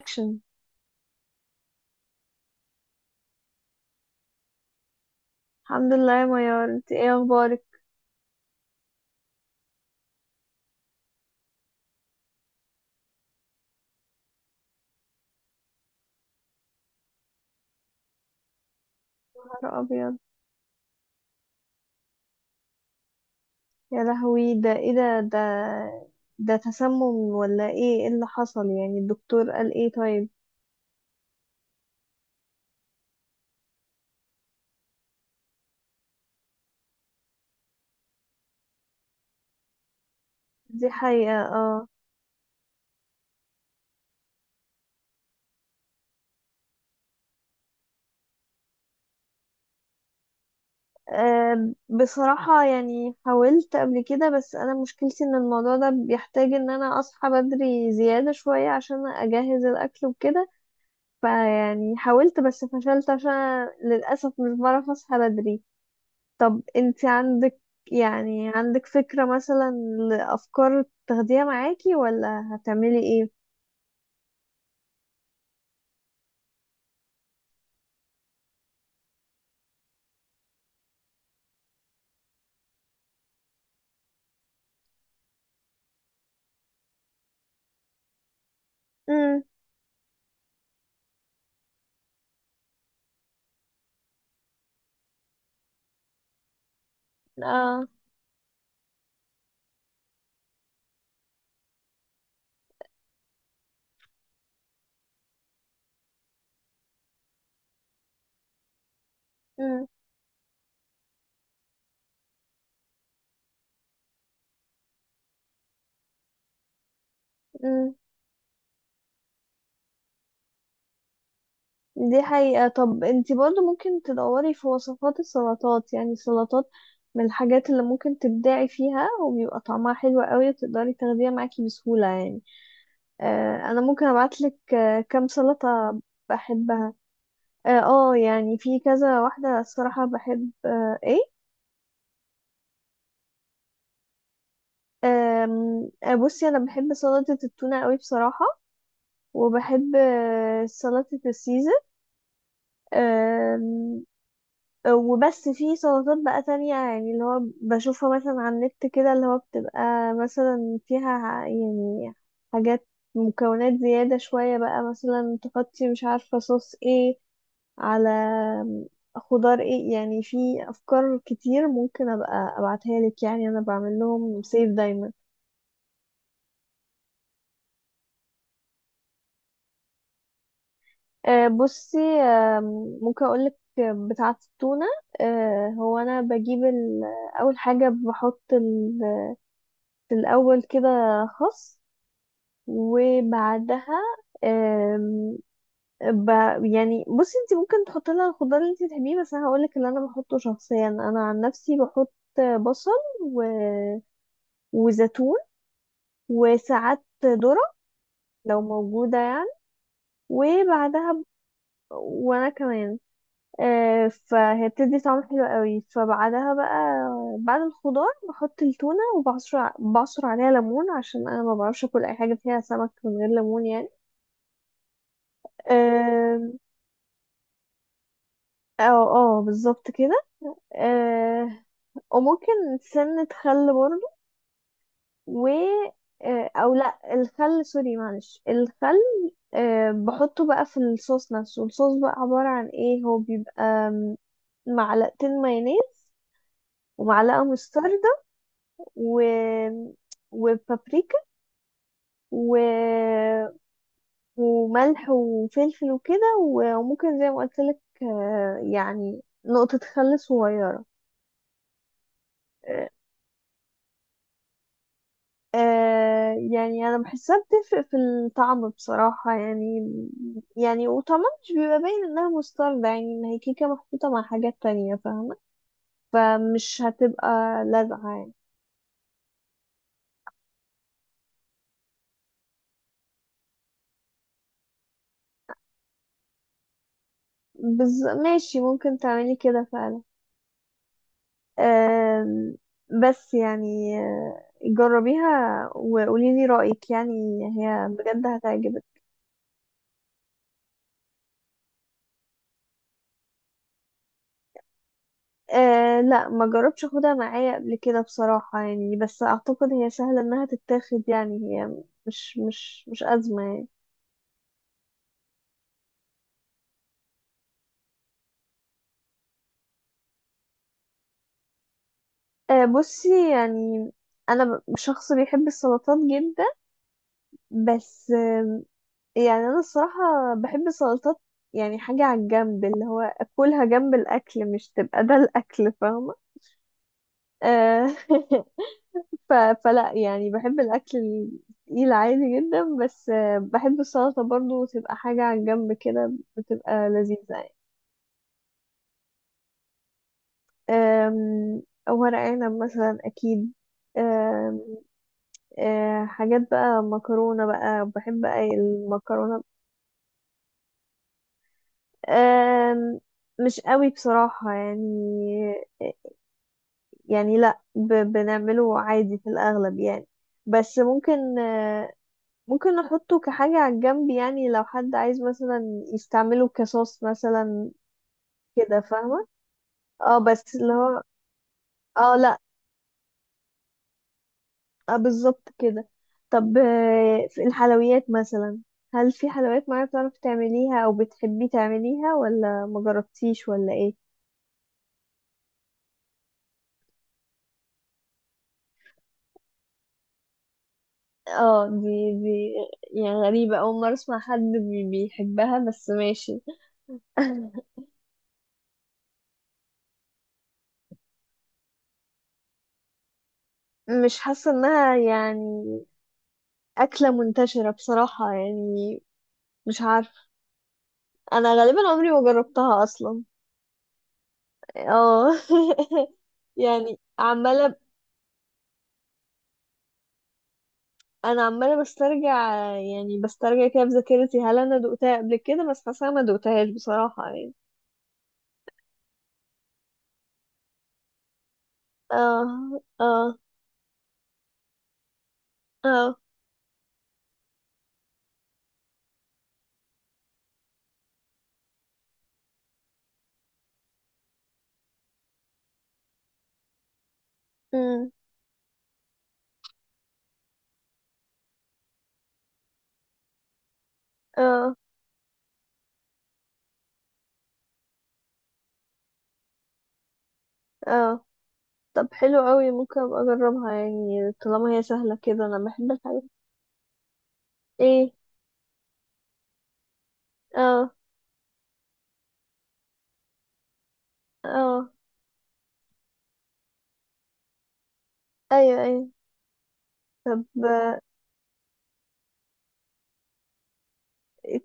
اكشن. الحمد لله يا ميار، انت ايه اخبارك؟ نهار ابيض. يا لهوي، ده ايه؟ ده تسمم ولا ايه؟ ايه اللي حصل يعني؟ الدكتور قال ايه؟ طيب. دي حقيقة، اه. بصراحة يعني حاولت قبل كده، بس أنا مشكلتي إن الموضوع ده بيحتاج إن أنا أصحى بدري زيادة شوية عشان أجهز الأكل وكده. فيعني حاولت بس فشلت عشان للأسف مش بعرف أصحى بدري. طب انت عندك، يعني عندك فكرة مثلا لأفكار تاخديها معاكي ولا هتعملي ايه؟ امم. اه. امم. امم. دي حقيقة. طب انت برضو ممكن تدوري في وصفات السلطات، يعني السلطات من الحاجات اللي ممكن تبدعي فيها وبيبقى طعمها حلو قوي وتقدري تاخديها معاكي بسهولة يعني. انا ممكن ابعتلك، آه، كام سلطة بحبها. اه، آه، يعني في كذا واحدة الصراحة بحب، آه، ايه... أم، آه، بصي انا بحب سلطة التونة قوي بصراحة، وبحب، آه، سلطة السيزر. أم. وبس في سلطات بقى تانية، يعني اللي هو بشوفها مثلا على النت كده، اللي هو بتبقى مثلا فيها يعني حاجات، مكونات زيادة شوية بقى، مثلا تحطي مش عارفة صوص ايه على خضار ايه، يعني في افكار كتير ممكن ابقى ابعتها لك، يعني انا بعمل لهم سيف دايما. بصي، ممكن اقولك بتاعة التونة. هو انا اول حاجة في الاول كده خس، وبعدها، آم، ب... يعني بصي، انت ممكن تحطي لها الخضار اللي انت تحبيه، بس انا هقولك اللي انا بحطه شخصيا، انا عن نفسي بحط بصل و... وزيتون وساعات ذرة لو موجودة يعني. وبعدها ب... وانا كمان، فهي بتدي طعم حلو قوي. فبعدها بقى بعد الخضار بحط التونة، بعصر عليها ليمون عشان انا ما بعرفش اكل اي حاجة فيها سمك من غير ليمون يعني. آم، اه، اه بالظبط كده. آه، وممكن سنة خل برضو، و... او لا الخل، سوري معلش، الخل، بحطه بقى في الصوص نفسه. الصوص بقى عبارة عن ايه؟ هو بيبقى معلقتين مايونيز، ومعلقة مستر، و... وبابريكا، و... وملح وفلفل وكده وممكن زي ما قلت لك، آه، يعني نقطة خل صغيرة. آه، يعني أنا بحسها بتفرق في الطعم بصراحة يعني. يعني وطعمها مش بيبقى باين إنها مستردة، يعني إن هي كيكة محطوطة مع حاجات تانية فاهمة. فمش هتبقى لازعة يعني. بز... ماشي ممكن تعملي كده فعلا. آم، بس يعني، آه، جربيها وقولي لي رأيك يعني. هي بجد هتعجبك. أه لا، ما جربتش اخدها معايا قبل كده بصراحة يعني، بس اعتقد هي سهلة انها تتاخد يعني، هي مش أزمة يعني. أه بصي يعني، انا شخص بيحب السلطات جدا. بس يعني انا الصراحة بحب السلطات، يعني حاجة على الجنب، اللي هو اكلها جنب الاكل، مش تبقى ده الاكل فاهمة. أه ف... فلا، يعني بحب الأكل التقيل عادي جدا، بس آه، بحب السلطة برضو تبقى حاجة على الجنب كده، بتبقى لذيذة يعني. آم، ورق عنب مثلا أكيد. آم، آه، حاجات بقى، مكرونة بقى بحب أي المكرونة. آم، مش قوي بصراحة يعني. يعني لا ب... بنعمله عادي في الأغلب يعني. بس ممكن، آه، ممكن نحطه كحاجة على الجنب يعني، لو حد عايز مثلا يستعمله كصوص مثلا كده، فاهمة. اه بس اللي هو... اه لا، بالظبط كده. طب، آه، في الحلويات مثلا، هل في حلويات معينة بتعرفي تعمليها او بتحبي تعمليها، ولا ما جربتيش، ولا ايه؟ اه، دي يعني غريبة، اول مرة اسمع حد بيحبها، بس ماشي مش حاسة انها يعني أكلة منتشرة بصراحة يعني. مش عارفة، انا غالبا عمري ما جربتها اصلا. اه يعني عماله، انا عماله بسترجع يعني بسترجع كده في ذاكرتي، هل انا دقتها قبل كده؟ بس حاسه ما دقتهاش بصراحه يعني. اه. اه. اه. امم. اه. اه. طب حلو قوي، ممكن ابقى اجربها يعني، طالما هي سهله كده، انا بحب الحاجات. ايه؟ اه. اه. ايوه، ايوه. طب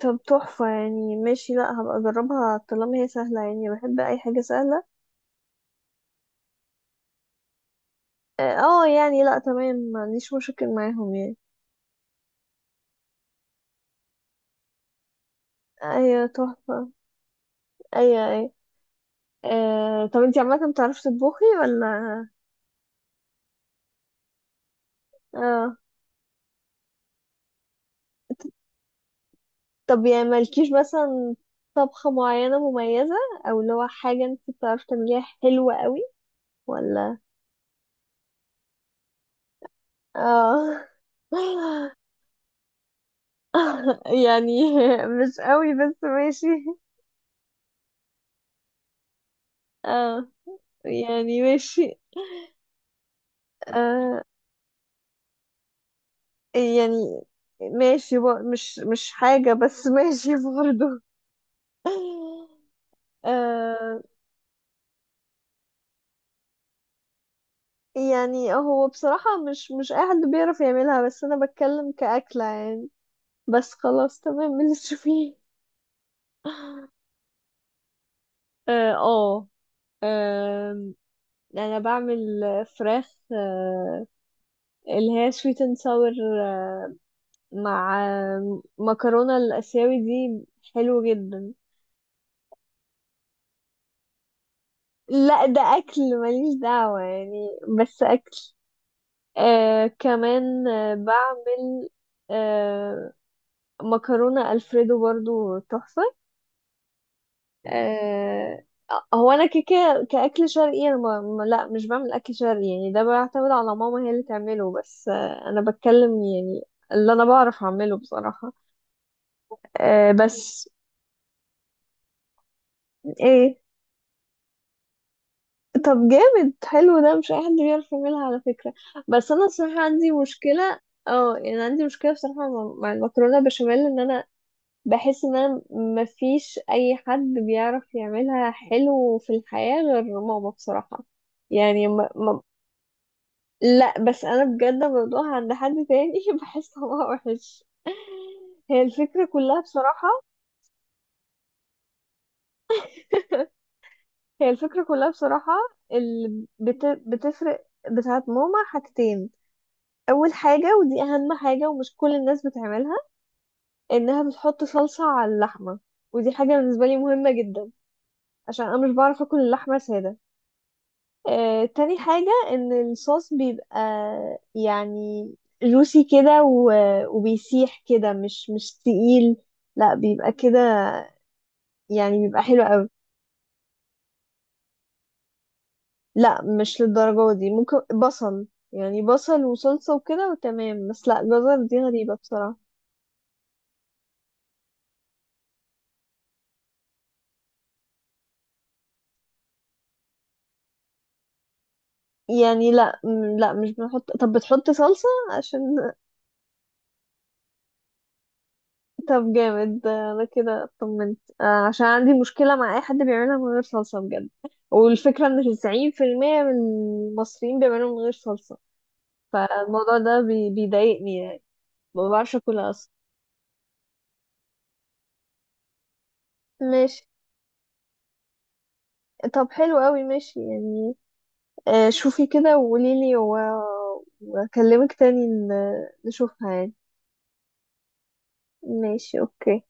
طب تحفه، يعني ماشي، لا هبقى اجربها طالما هي سهله يعني، بحب اي حاجه سهله. اه يعني لا تمام، ما عنديش مشاكل معاهم يعني. ايوه تحفة. ايوه، ايوه. طب انتي عامة بتعرفي تطبخي، ولا؟ اه. طب يعني مالكيش مثلا طبخة معينة مميزة، او اللي هو حاجة انتي بتعرفي تعمليها حلوة قوي، ولا؟ اه يعني مش قوي بس ماشي. اه. يعني ماشي. آه يعني ماشي مش حاجة، بس ماشي برضه آه. يعني هو بصراحة مش أي حد بيعرف يعملها، بس أنا بتكلم كأكلة يعني. بس خلاص تمام من اللي تشوفيه. اه، آه، آم، أنا بعمل فراخ، آه، اللي هي sweet and sour، آه، مع، آه، مكرونة الآسيوي دي. حلو جدا. لا ده أكل، ماليش دعوة يعني. بس أكل. كمان بعمل، آه، مكرونة ألفريدو برضو تحفة. آه هو أنا كيكة كأكل شرقي، أنا لا مش بعمل أكل شرقي يعني، ده بيعتمد على ماما هي اللي تعمله، بس آه أنا بتكلم يعني اللي أنا بعرف أعمله بصراحة. بس. إيه؟ طب جامد حلو، ده مش أي حد بيعرف يعملها على فكرة. بس أنا الصراحة عندي مشكلة. اه يعني عندي مشكلة بصراحة مع المكرونة بشاميل، إن أنا بحس ان انا مفيش اي حد بيعرف يعملها حلو في الحياة غير ماما بصراحة يعني ما ما... لا بس انا بجد الموضوع عند حد تاني بحس طعمها وحش. هي الفكرة كلها بصراحة. هي الفكرة كلها بصراحة، اللي بت... بتفرق بتاعت ماما حاجتين. أول حاجة، ودي أهم حاجة ومش كل الناس بتعملها، إنها بتحط صلصة على اللحمة، ودي حاجة بالنسبة لي مهمة جدا، عشان أنا مش بعرف أكل اللحمة سادة. آه، تاني حاجة ان الصوص بيبقى يعني جوسي كده، وبيسيح كده، مش تقيل، لا بيبقى كده. يعني بيبقى حلو قوي. لا مش للدرجة دي، ممكن بصل، يعني بصل وصلصة وكده وتمام، بس لا جزر دي غريبة بصراحة. يعني لا لا مش بنحط. طب بتحط صلصة عشان... طب جامد، ده انا كده اطمنت، آه، عشان عندي مشكلة مع اي حد بيعملها من غير صلصة بجد. والفكرة ان 90% من المصريين بيعملوها من غير صلصة. فالموضوع ده بي... بيضايقني يعني، ما بعرفش اكلها اصلا. ماشي. طب حلو قوي، ماشي يعني، آه، شوفي كده وقولي لي، و... واكلمك تاني، ن... نشوفها يعني. ماشي، اوكي.